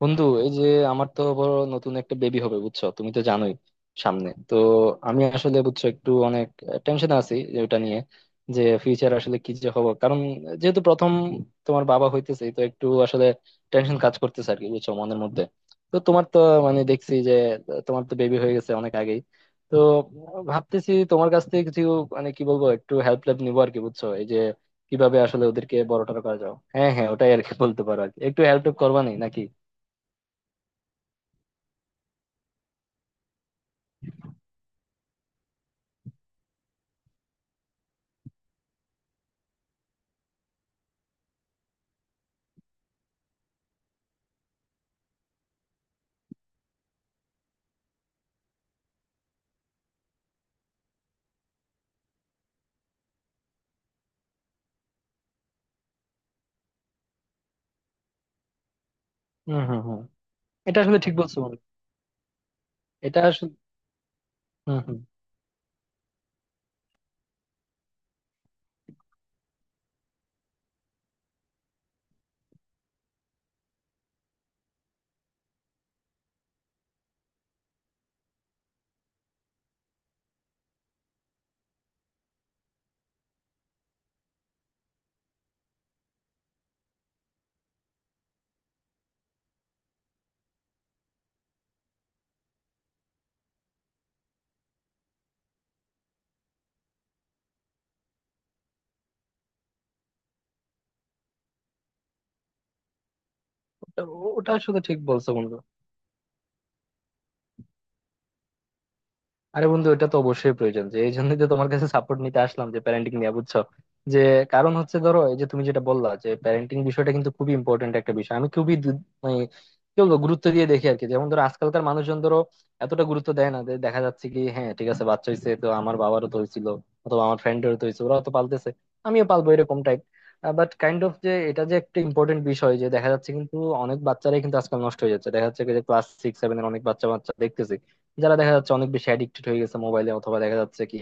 বন্ধু, এই যে আমার তো বড় নতুন একটা বেবি হবে, বুঝছো? তুমি তো জানোই। সামনে তো আমি আসলে, বুঝছো, একটু অনেক টেনশন আছি যে, ওটা নিয়ে যে ফিউচার আসলে কি যে হবো। কারণ যেহেতু প্রথম তোমার বাবা হইতেছে, তো একটু আসলে টেনশন কাজ করতেছে আর কি, বুঝছো, মনের মধ্যে। তো তোমার তো, মানে, দেখছি যে তোমার তো বেবি হয়ে গেছে অনেক আগেই। তো ভাবতেছি তোমার কাছ থেকে কিছু, মানে, কি বলবো, একটু হেল্প টেল্প নিবো আর কি, বুঝছো, এই যে কিভাবে আসলে ওদেরকে বড় টড় করা যাও। হ্যাঁ হ্যাঁ, ওটাই আর কি, বলতে পারো আর কি। একটু হেল্প করবা নি নাকি? হম হম হম। এটা আসলে ঠিক বলছো, বন্ধু। এটা আসলে... হম হম। ওটা, ওটা আসলে ঠিক বলছো, বন্ধু। আরে বন্ধু, এটা তো অবশ্যই প্রয়োজন, যে এই জন্যই তো তোমার কাছে সাপোর্ট নিতে আসলাম, যে প্যারেন্টিং নিয়ে, বুঝছো, যে কারণ হচ্ছে, ধরো, এই যে তুমি যেটা বললা যে প্যারেন্টিং বিষয়টা কিন্তু খুবই ইম্পর্টেন্ট একটা বিষয়, আমি খুবই মানে, কি বলবো, গুরুত্ব দিয়ে দেখি আর কি। যেমন ধরো, আজকালকার মানুষজন ধরো এতটা গুরুত্ব দেয় না, যে দেখা যাচ্ছে কি, হ্যাঁ ঠিক আছে, বাচ্চা হইছে, তো আমার বাবারও তো হয়েছিল অথবা আমার ফ্রেন্ডেরও তো হয়েছে, ওরাও তো পালতেছে, আমিও পালবো, এরকম টাইপ। বাট কাইন্ড অফ, যে এটা যে একটা ইম্পর্টেন্ট বিষয়, যে দেখা যাচ্ছে কিন্তু অনেক বাচ্চারাই কিন্তু আজকাল নষ্ট হয়ে যাচ্ছে। দেখা যাচ্ছে কি, যে ক্লাস সিক্স সেভেন এর অনেক বাচ্চা বাচ্চা দেখতেছি যারা দেখা যাচ্ছে অনেক বেশি অ্যাডিক্টেড হয়ে গেছে মোবাইলে, অথবা দেখা যাচ্ছে কি,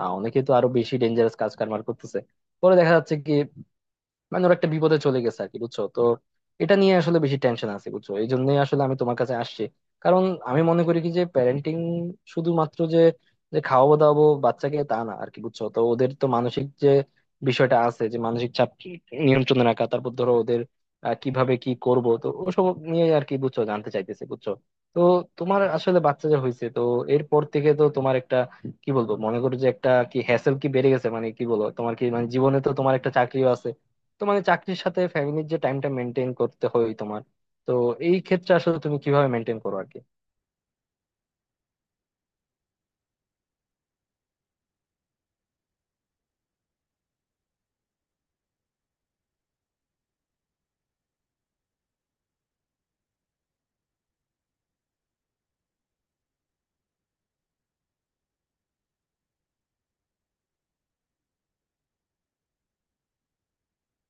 অনেকে তো আরো বেশি ডেঞ্জারাস কাজ কারবার করতেছে। পরে দেখা যাচ্ছে কি, মানে ওর একটা বিপদে চলে গেছে আর কি, বুঝছো। তো এটা নিয়ে আসলে বেশি টেনশন আছে, বুঝছো, এই জন্যই আসলে আমি তোমার কাছে আসছি। কারণ আমি মনে করি কি, যে প্যারেন্টিং শুধুমাত্র যে, যে খাওয়াবো দাওয়াবো বাচ্চাকে, তা না আর কি, বুঝছো। তো ওদের তো মানসিক যে বিষয়টা আছে, যে মানসিক চাপ নিয়ন্ত্রণে রাখা, তারপর ধরো ওদের কিভাবে কি করব, তো ওসব নিয়ে আর কি, বুঝছো, জানতে চাইতেছে, বুঝছো। তো তোমার আসলে বাচ্চা যে হয়েছে, তো এরপর থেকে তো তোমার একটা, কি বলবো, মনে করো যে একটা কি হ্যাসেল কি বেড়ে গেছে, মানে কি বলবো, তোমার কি মানে জীবনে তো তোমার একটা চাকরিও আছে। তো মানে চাকরির সাথে ফ্যামিলির যে টাইমটা মেনটেন করতে হয় তোমার, তো এই ক্ষেত্রে আসলে তুমি কিভাবে মেনটেন করো আর কি?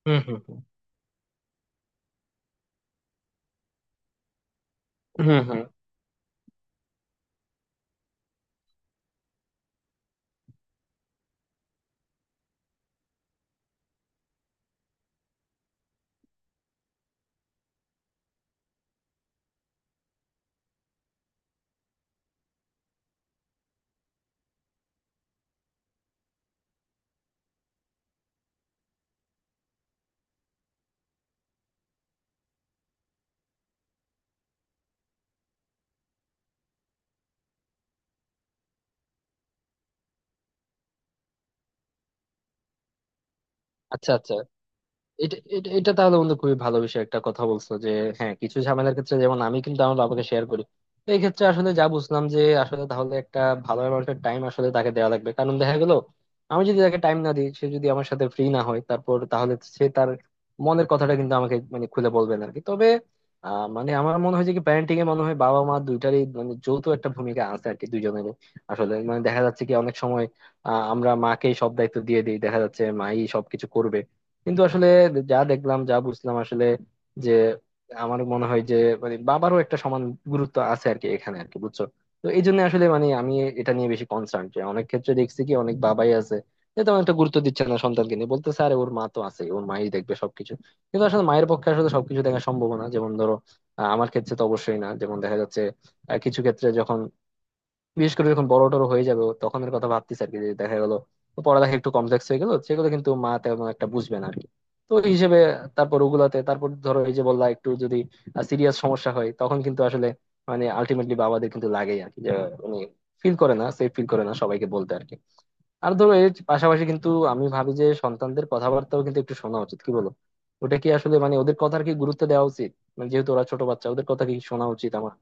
হুম হুম হুম। হুম হুম। আচ্ছা আচ্ছা। এটা এটা এটা তাহলে, বন্ধু, খুবই ভালো বিষয় একটা কথা বলছো, যে হ্যাঁ, কিছু ঝামেলার ক্ষেত্রে যেমন আমি কিন্তু আমার বাবাকে শেয়ার করি। তো এই ক্ষেত্রে আসলে যা বুঝলাম, যে আসলে তাহলে একটা ভালো অ্যামাউন্টের টাইম আসলে তাকে দেওয়া লাগবে, কারণ দেখা গেল, আমি যদি তাকে টাইম না দিই, সে যদি আমার সাথে ফ্রি না হয় তারপর, তাহলে সে তার মনের কথাটা কিন্তু আমাকে, মানে, খুলে বলবে না আর কি। তবে মানে, আমার মনে হয় যে কি, প্যারেন্টিং এ মনে হয় বাবা মা দুইটারই মানে যৌথ একটা ভূমিকা আছে আর কি, দুইজনেরই। আসলে মানে দেখা যাচ্ছে কি, অনেক সময় আমরা মাকেই সব দায়িত্ব দিয়ে দিই, দেখা যাচ্ছে মাই সবকিছু করবে। কিন্তু আসলে যা দেখলাম, যা বুঝলাম আসলে, যে আমার মনে হয় যে, মানে, বাবারও একটা সমান গুরুত্ব আছে আর কি এখানে আর কি, বুঝছো। তো এই জন্য আসলে মানে আমি এটা নিয়ে বেশি কনসার্ন, যে অনেক ক্ষেত্রে দেখছি কি, অনেক বাবাই আছে যে তেমন একটা গুরুত্ব দিচ্ছে না সন্তানকে নিয়ে, বলতে স্যার, ওর মা তো আছে, ওর মাই দেখবে সবকিছু। কিন্তু আসলে মায়ের পক্ষে আসলে সবকিছু দেখা সম্ভব না, যেমন ধরো আমার ক্ষেত্রে তো অবশ্যই না, যেমন দেখা যাচ্ছে কিছু ক্ষেত্রে যখন, বিশেষ করে যখন বড় টড় হয়ে যাবে ও, তখনের কথা ভাবতেছি আর কি, যে দেখা গেল ও পড়ালেখা একটু কমপ্লেক্স হয়ে গেল, সেগুলো কিন্তু মা তেমন একটা বুঝবে না আর কি। তো ওই হিসেবে তারপর ওগুলাতে, তারপর ধরো, এই যে বললা, একটু যদি সিরিয়াস সমস্যা হয়, তখন কিন্তু আসলে মানে আলটিমেটলি বাবাদের কিন্তু লাগেই আর কি, যে উনি ফিল করে না, সেফ ফিল করে না সবাইকে বলতে আর কি। আর ধরো এর পাশাপাশি কিন্তু আমি ভাবি যে, সন্তানদের কথাবার্তাও কিন্তু একটু শোনা উচিত, কি বলো? ওটা কি আসলে মানে, ওদের কথার কি গুরুত্ব দেওয়া উচিত? মানে যেহেতু ওরা ছোট বাচ্চা, ওদের কথা কি শোনা উচিত আমার?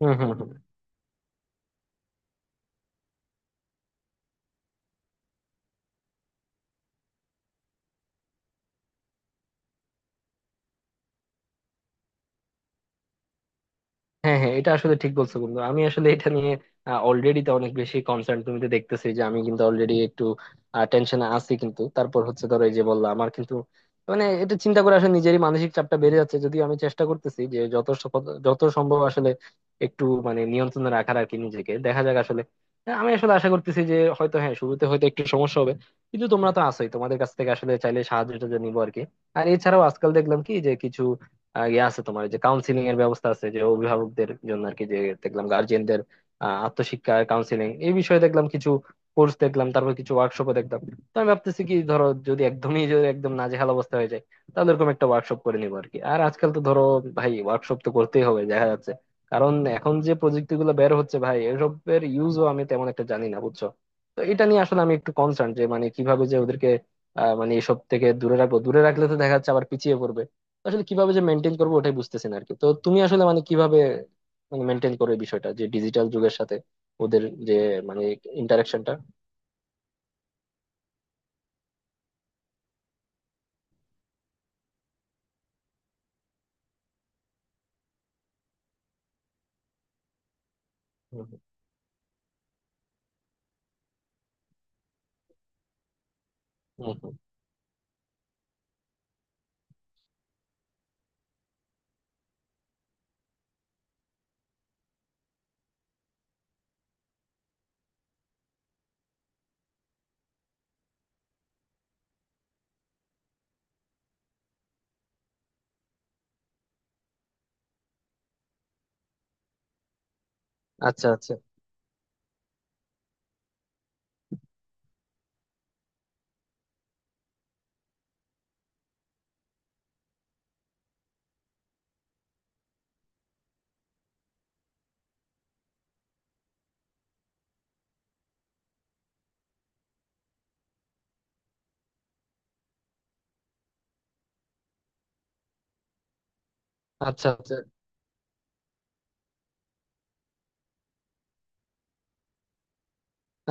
হম হম। হ্যাঁ হ্যাঁ, এটা আসলে ঠিক বলছো, বন্ধু। আমি আসলে এটা নিয়ে অলরেডি তো অনেক বেশি কনসার্ন, তুমি তো দেখতেছি যে আমি কিন্তু অলরেডি একটু টেনশনে আছি। কিন্তু তারপর হচ্ছে, ধরো, এই যে বললাম, আমার কিন্তু মানে এটা চিন্তা করে আসলে নিজেরই মানসিক চাপটা বেড়ে যাচ্ছে, যদিও আমি চেষ্টা করতেছি যে যত যত সম্ভব আসলে একটু মানে নিয়ন্ত্রণে রাখার আর কি নিজেকে, দেখা যাক আসলে। হ্যাঁ, আমি আসলে আশা করতেছি যে, হয়তো হ্যাঁ, শুরুতে হয়তো একটু সমস্যা হবে, কিন্তু তোমরা তো আছোই, তোমাদের কাছ থেকে আসলে চাইলে সাহায্যটা নিবো আর কি। আর এছাড়াও আজকাল দেখলাম কি, যে কিছু ইয়ে আছে তোমার, যে কাউন্সিলিং এর ব্যবস্থা আছে যে অভিভাবকদের জন্য আর কি, যে দেখলাম গার্জিয়ানদের আত্মশিক্ষা কাউন্সিলিং এই বিষয়ে দেখলাম কিছু কোর্স দেখলাম, তারপর কিছু ওয়ার্কশপও দেখলাম। তো আমি ভাবতেছি কি, ধরো যদি একদমই যদি একদম নাজেহাল অবস্থা হয়ে যায়, তাহলে এরকম একটা ওয়ার্কশপ করে নিবো আর কি। আর আজকাল তো ধরো, ভাই, ওয়ার্কশপ তো করতেই হবে দেখা যাচ্ছে, কারণ এখন যে প্রযুক্তি গুলো বের হচ্ছে ভাই, এসবের ইউজও আমি তেমন একটা জানি না, বুঝছো। তো এটা নিয়ে আসলে আমি একটু কনসার্ন, যে মানে কিভাবে যে ওদেরকে মানে এসব থেকে দূরে রাখবো, দূরে রাখলে তো দেখা যাচ্ছে আবার পিছিয়ে পড়বে। আসলে কিভাবে যে মেনটেন করবো, ওটাই বুঝতেছি না আরকি। তো তুমি আসলে মানে কিভাবে, মানে, মেনটেন করো এই বিষয়টা, যে ডিজিটাল যুগের সাথে ওদের যে, মানে, ইন্টারাকশনটা। হুম হুম। হুম হুম। আচ্ছা আচ্ছা। আচ্ছা আচ্ছা।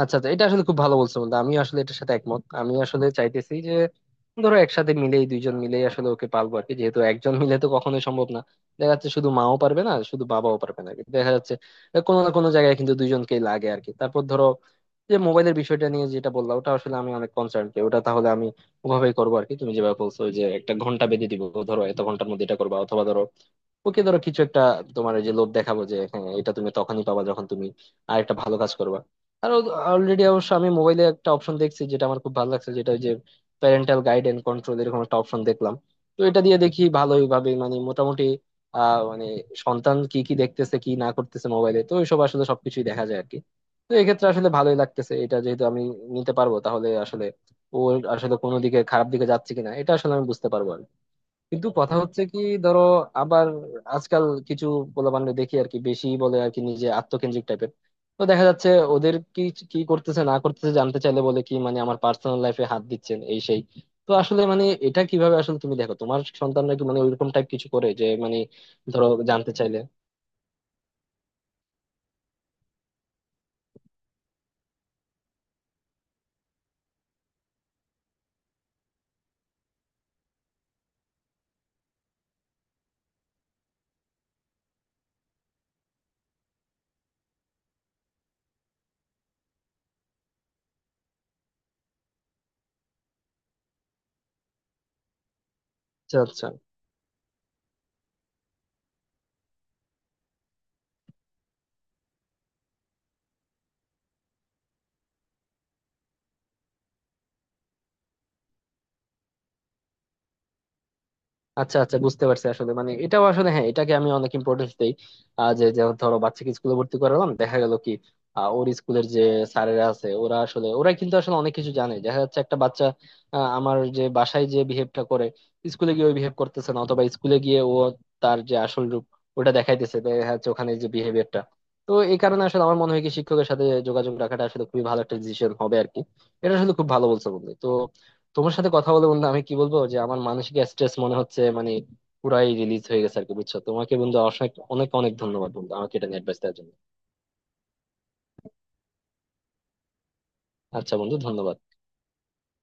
আচ্ছা আচ্ছা, এটা আসলে খুব ভালো বলছো, বন্ধু। আমি আসলে এটার সাথে একমত। আমি আসলে চাইতেছি যে, ধরো, একসাথে মিলেই, দুইজন মিলেই আসলে ওকে পালবো আর কি, যেহেতু একজন মিলে তো কখনোই সম্ভব না। দেখা যাচ্ছে শুধু মাও পারবে না, শুধু বাবাও পারবে না, কিন্তু দেখা যাচ্ছে কোনো না কোনো জায়গায় কিন্তু দুইজনকেই লাগে আর কি। তারপর ধরো যে মোবাইলের বিষয়টা নিয়ে যেটা বললাম, ওটা আসলে আমি অনেক কনসার্ন, ওটা তাহলে আমি ওভাবেই করবো আর কি, তুমি যেভাবে বলছো, ওই যে একটা ঘন্টা বেঁধে দিব, ধরো এত ঘন্টার মধ্যে এটা করবা, অথবা ধরো ওকে ধরো কিছু একটা, তোমার ওই যে লোভ দেখাবো, যে হ্যাঁ এটা তুমি তখনই পাবা যখন তুমি আর একটা ভালো কাজ করবা। আর অলরেডি অবশ্য আমি মোবাইলে একটা অপশন দেখছি যেটা আমার খুব ভালো লাগছে, যেটা ওই যে প্যারেন্টাল গাইড এন্ড কন্ট্রোল, এরকম একটা অপশন দেখলাম। তো এটা দিয়ে দেখি ভালোই ভাবে মানে মোটামুটি মানে, সন্তান কি কি দেখতেছে, কি না করতেছে মোবাইলে, তো এইসব আসলে সবকিছুই দেখা যায় আর কি। তো এক্ষেত্রে আসলে ভালোই লাগতেছে, এটা যেহেতু আমি নিতে পারবো, তাহলে আসলে ওর আসলে কোনো দিকে, খারাপ দিকে যাচ্ছে কিনা, এটা আসলে আমি বুঝতে পারবো আর কি। কিন্তু কথা হচ্ছে কি, ধরো আবার আজকাল কিছু পোলাপানরে দেখি আর কি, বেশি বলে আর কি, নিজে আত্মকেন্দ্রিক টাইপের। তো দেখা যাচ্ছে ওদের কি কি করতেছে না করতেছে জানতে চাইলে বলে কি, মানে আমার পার্সোনাল লাইফে হাত দিচ্ছেন, এই সেই। তো আসলে মানে এটা কিভাবে আসলে তুমি দেখো, তোমার সন্তানরা কি মানে ওইরকম টাইপ কিছু করে, যে মানে ধরো জানতে চাইলে? আচ্ছা আচ্ছা। আচ্ছা আচ্ছা, বুঝতে পারছি আসলে মানে। এটাও আসলে, হ্যাঁ, এটাকে আমি অনেক ইম্পর্টেন্স দেই। যে যে ধরো বাচ্চাকে স্কুলে ভর্তি করালাম, দেখা গেল কি, ওর স্কুলের যে স্যারেরা আছে, ওরা আসলে, ওরা কিন্তু আসলে অনেক কিছু জানে, দেখা যাচ্ছে একটা বাচ্চা আমার যে বাসায় যে বিহেভটা করে, স্কুলে গিয়ে ওই বিহেভ করতেছে না, অথবা স্কুলে গিয়ে ও তার যে আসল রূপ ওটা দেখাইতেছে, দেখা যাচ্ছে ওখানে যে বিহেভিয়ারটা। তো এই কারণে আসলে আমার মনে হয় কি, শিক্ষকের সাথে যোগাযোগ রাখাটা আসলে খুবই ভালো একটা ডিসিশন হবে আর কি। এটা আসলে খুব ভালো বলছো, বন্ধু। তো তোমার সাথে কথা বলে, বন্ধু, আমি কি বলবো, যে আমার মানসিক স্ট্রেস মনে হচ্ছে মানে পুরাই রিলিজ হয়ে গেছে আর কি, বুঝছো। তোমাকে, বন্ধু, অনেক অনেক অনেক ধন্যবাদ, বন্ধু, আমাকে এটা নিয়ে অ্যাডভাইস দেওয়ার জন্য। আচ্ছা বন্ধু, ধন্যবাদ।